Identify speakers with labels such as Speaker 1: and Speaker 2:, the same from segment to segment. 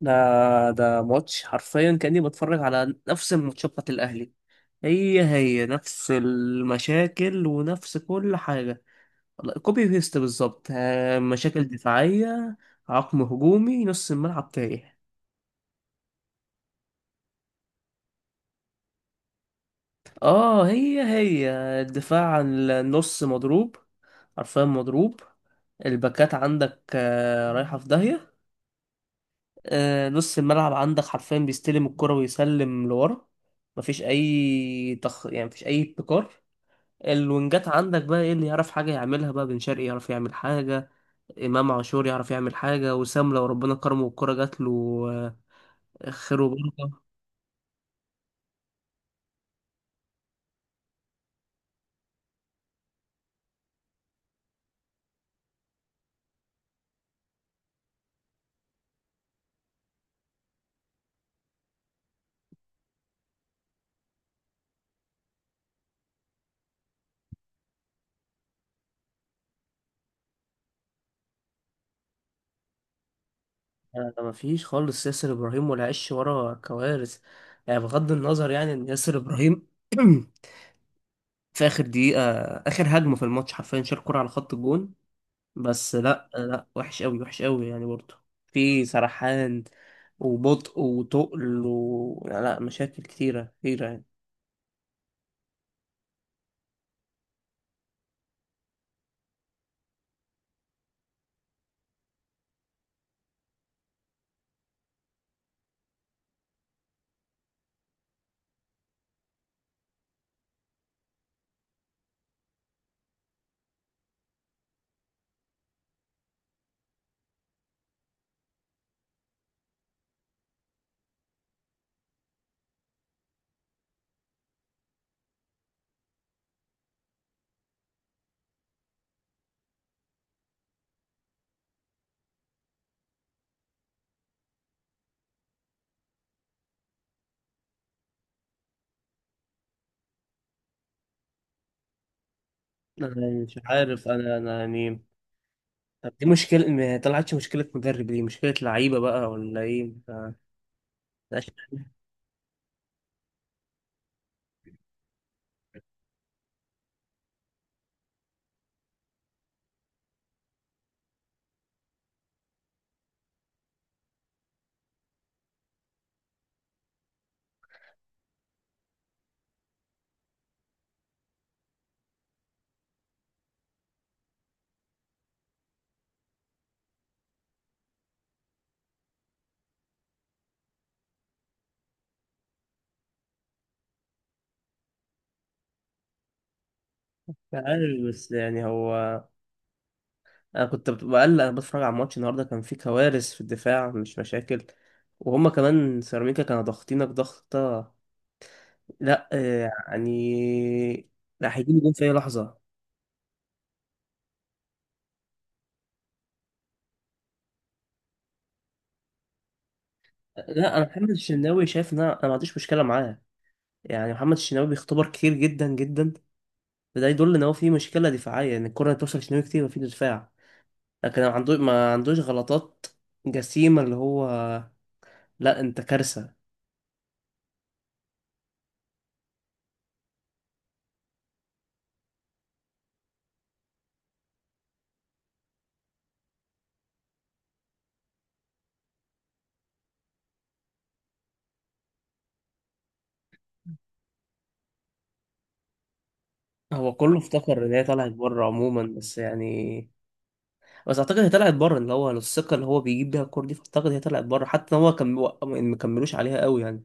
Speaker 1: ده ده ماتش حرفيا كأني بتفرج على نفس الماتشات بتاعت الأهلي. هي هي نفس المشاكل ونفس كل حاجة. كوبي بيست بالظبط، مشاكل دفاعية، عقم هجومي، نص الملعب تايه. اه هي هي. الدفاع عن النص مضروب، حرفيا مضروب. الباكات عندك، رايحة في داهية. نص الملعب عندك حرفيا بيستلم الكرة ويسلم لورا. مفيش أي يعني مفيش أي ابتكار. الوينجات عندك بقى ايه اللي يعرف حاجة يعملها؟ بقى بن شرقي يعرف يعمل حاجة، إمام عاشور يعرف يعمل حاجة، وسام لو ربنا كرمه والكرة جات له، خير وبركة. مفيش خالص. ياسر إبراهيم ولا عش ورا كوارث، يعني بغض النظر يعني إن ياسر إبراهيم في آخر دقيقة، آخر هجمة في الماتش حرفيا شال كرة على خط الجون. بس لا لا، وحش قوي وحش قوي يعني برضه. في سرحان وبطء وتقل و... لا، مشاكل كتيرة كتيرة يعني. أنا مش عارف، انا يعني. طب دي مشكلة؟ ما طلعتش مشكلة مدرب، دي مشكلة لعيبة بقى ولا ايه؟ مش عارف، بس يعني هو، انا كنت بقلق. انا بتفرج على الماتش النهارده، كان في كوارث في الدفاع، مش مشاكل. وهما كمان سيراميكا كانوا ضاغطينك ضغطة، لا يعني، لا هيجيب جون في اي لحظة. لا، انا محمد الشناوي شايف ان انا ما عنديش مشكلة معاه. يعني محمد الشناوي بيختبر كتير جدا جدا، فده يدل ان هو في مشكله دفاعيه، ان الكره اللي بتوصل لشناوي كتير مفيش دفاع. لكن ما عندوش غلطات جسيمة، اللي هو، لا انت كارثة. هو كله افتكر ان هي طلعت بره عموما، بس يعني بس اعتقد هي طلعت بره، اللي هو الثقة اللي هو بيجيب بيها الكور دي، فاعتقد هي طلعت بره، حتى ان هو كان ما كملوش عليها قوي يعني.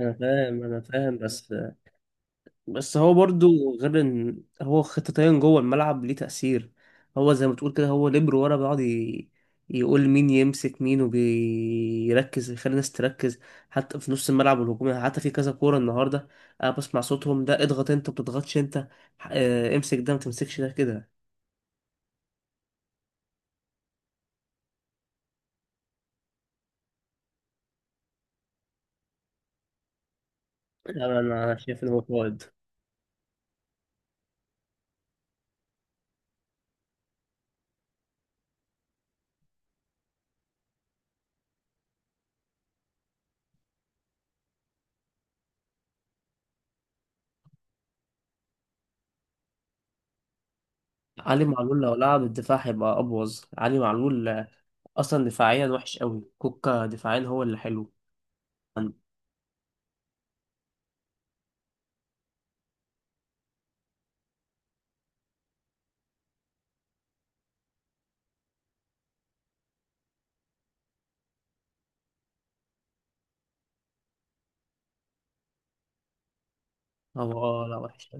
Speaker 1: انا فاهم انا فاهم، بس بس هو برضو غير ان هو خطتين جوه الملعب ليه تأثير. هو زي ما تقول كده، هو ليبرو ورا، بيقعد يقول مين يمسك مين، وبيركز يخلي الناس تركز، حتى في نص الملعب والهجوم يعني. حتى في كذا كورة النهاردة انا بسمع صوتهم، ده اضغط انت، ما بتضغطش انت، امسك ده، ما تمسكش ده، كده. لا، انا شايف ان هو فوائد. علي معلول لو لعب الدفاع هيبقى ابوظ علي معلول، اصلا دفاعيا وحش قوي، كوكا دفاعيا هو اللي حلو. هو اه لا وحش.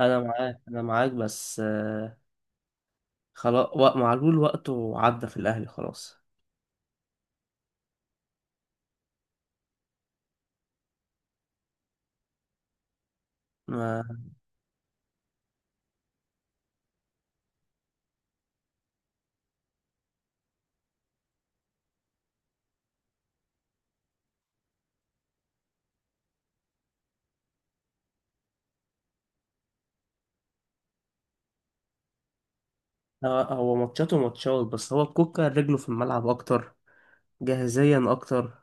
Speaker 1: انا معاك انا معاك، بس خلاص، معلول وقته عدى في الاهلي خلاص. ما هو هو ماتشاته ماتشات، بس هو كوكا رجله في الملعب اكتر، جاهزيا اكتر،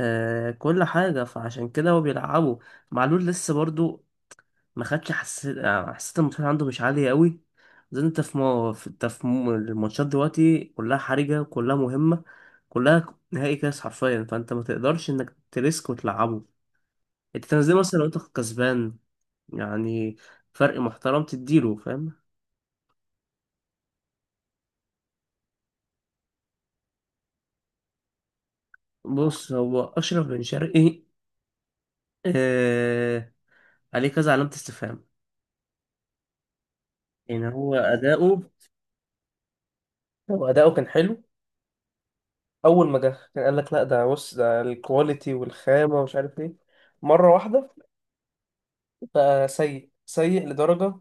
Speaker 1: كل حاجه، فعشان كده هو بيلعبه. معلول لسه برضو ما خدش، حسيت، حسيت المستوى عنده مش عالي قوي. زي انت في ما في انت في الماتشات دلوقتي كلها حرجه، كلها مهمه، كلها نهائي كاس حرفيا، فانت ما تقدرش انك تريسك وتلعبه. انت تنزله مثلا لو انت كسبان، يعني فرق محترم تديله، فاهم. بص هو أشرف بن شرقي، آه عليه كذا علامة استفهام. يعني هو أداؤه، هو أداؤه كان حلو. أول ما جه كان قال لك لا ده بص ده الكواليتي والخامة ومش عارف إيه، مرة واحدة بقى سيء سيء لدرجة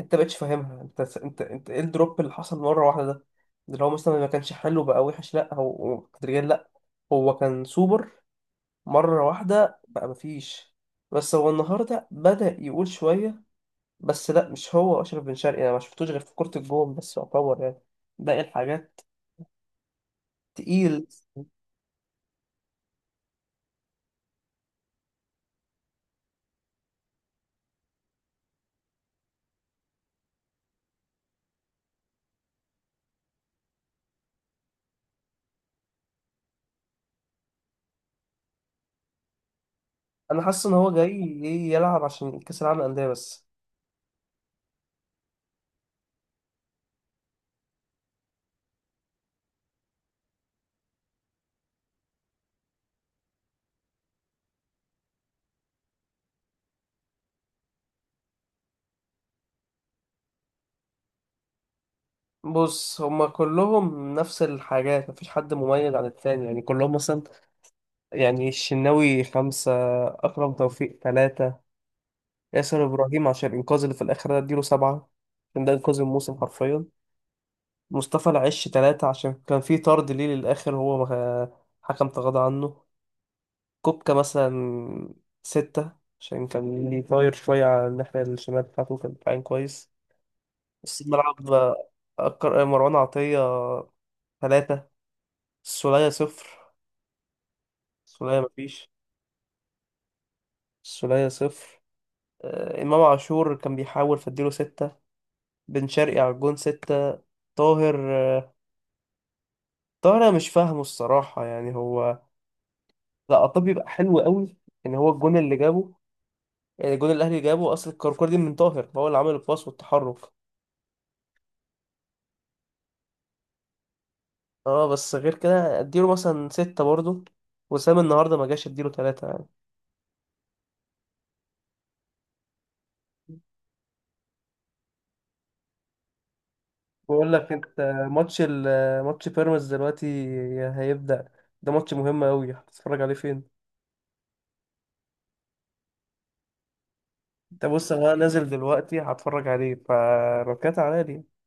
Speaker 1: أنت مبقتش فاهمها. أنت إيه الدروب اللي حصل مرة واحدة ده؟ ده لو مثلا ما كانش حلو بقى وحش لا، هو هو تدريجيا لا، هو كان سوبر، مرة واحدة بقى مفيش. بس هو النهاردة بدأ يقول شوية، بس لا، مش هو أشرف بن شرقي. أنا ما شفتوش غير في كرة الجون بس، يعتبر يعني باقي الحاجات تقيل. أنا حاسس إن هو جاي إيه يلعب عشان كأس العالم للأندية بس. بص هما كلهم نفس الحاجات، مفيش حد مميز عن التاني يعني، كلهم مثلا. يعني الشناوي 5، أكرم توفيق 3، ياسر إبراهيم عشان الإنقاذ اللي في الآخر ده أديله 7، عشان ده إنقاذ الموسم حرفيا. مصطفى العش 3 عشان كان في طرد ليه للآخر، هو ما، حكم تغاضى عنه. كوبكا مثلا 6 عشان كان ليه طاير شوية على الناحية الشمال بتاعته، كان دفاعين كويس. نص الملعب، مروان عطية 3، السولية 0، السولية مفيش، السولية 0. إمام عاشور كان بيحاول فاديله 6، بن شرقي على الجون 6، طاهر، آه، طاهر أنا مش فاهمه الصراحة يعني هو، لا عطيه بيبقى حلو قوي، ان هو الجون اللي جابه. يعني الجون اللي الاهلي جابه، اصل الكركور دي من طاهر، هو اللي عمل الباص والتحرك. اه بس غير كده اديله مثلا 6 برضه. وسام النهارده ما جاش، اديله 3 يعني. بقول لك انت، ماتش ماتش بيراميدز دلوقتي هيبدأ، ده ماتش مهم قوي، هتتفرج عليه فين؟ انت بص، انا نازل دلوقتي هتفرج عليه، فركات عليا دي.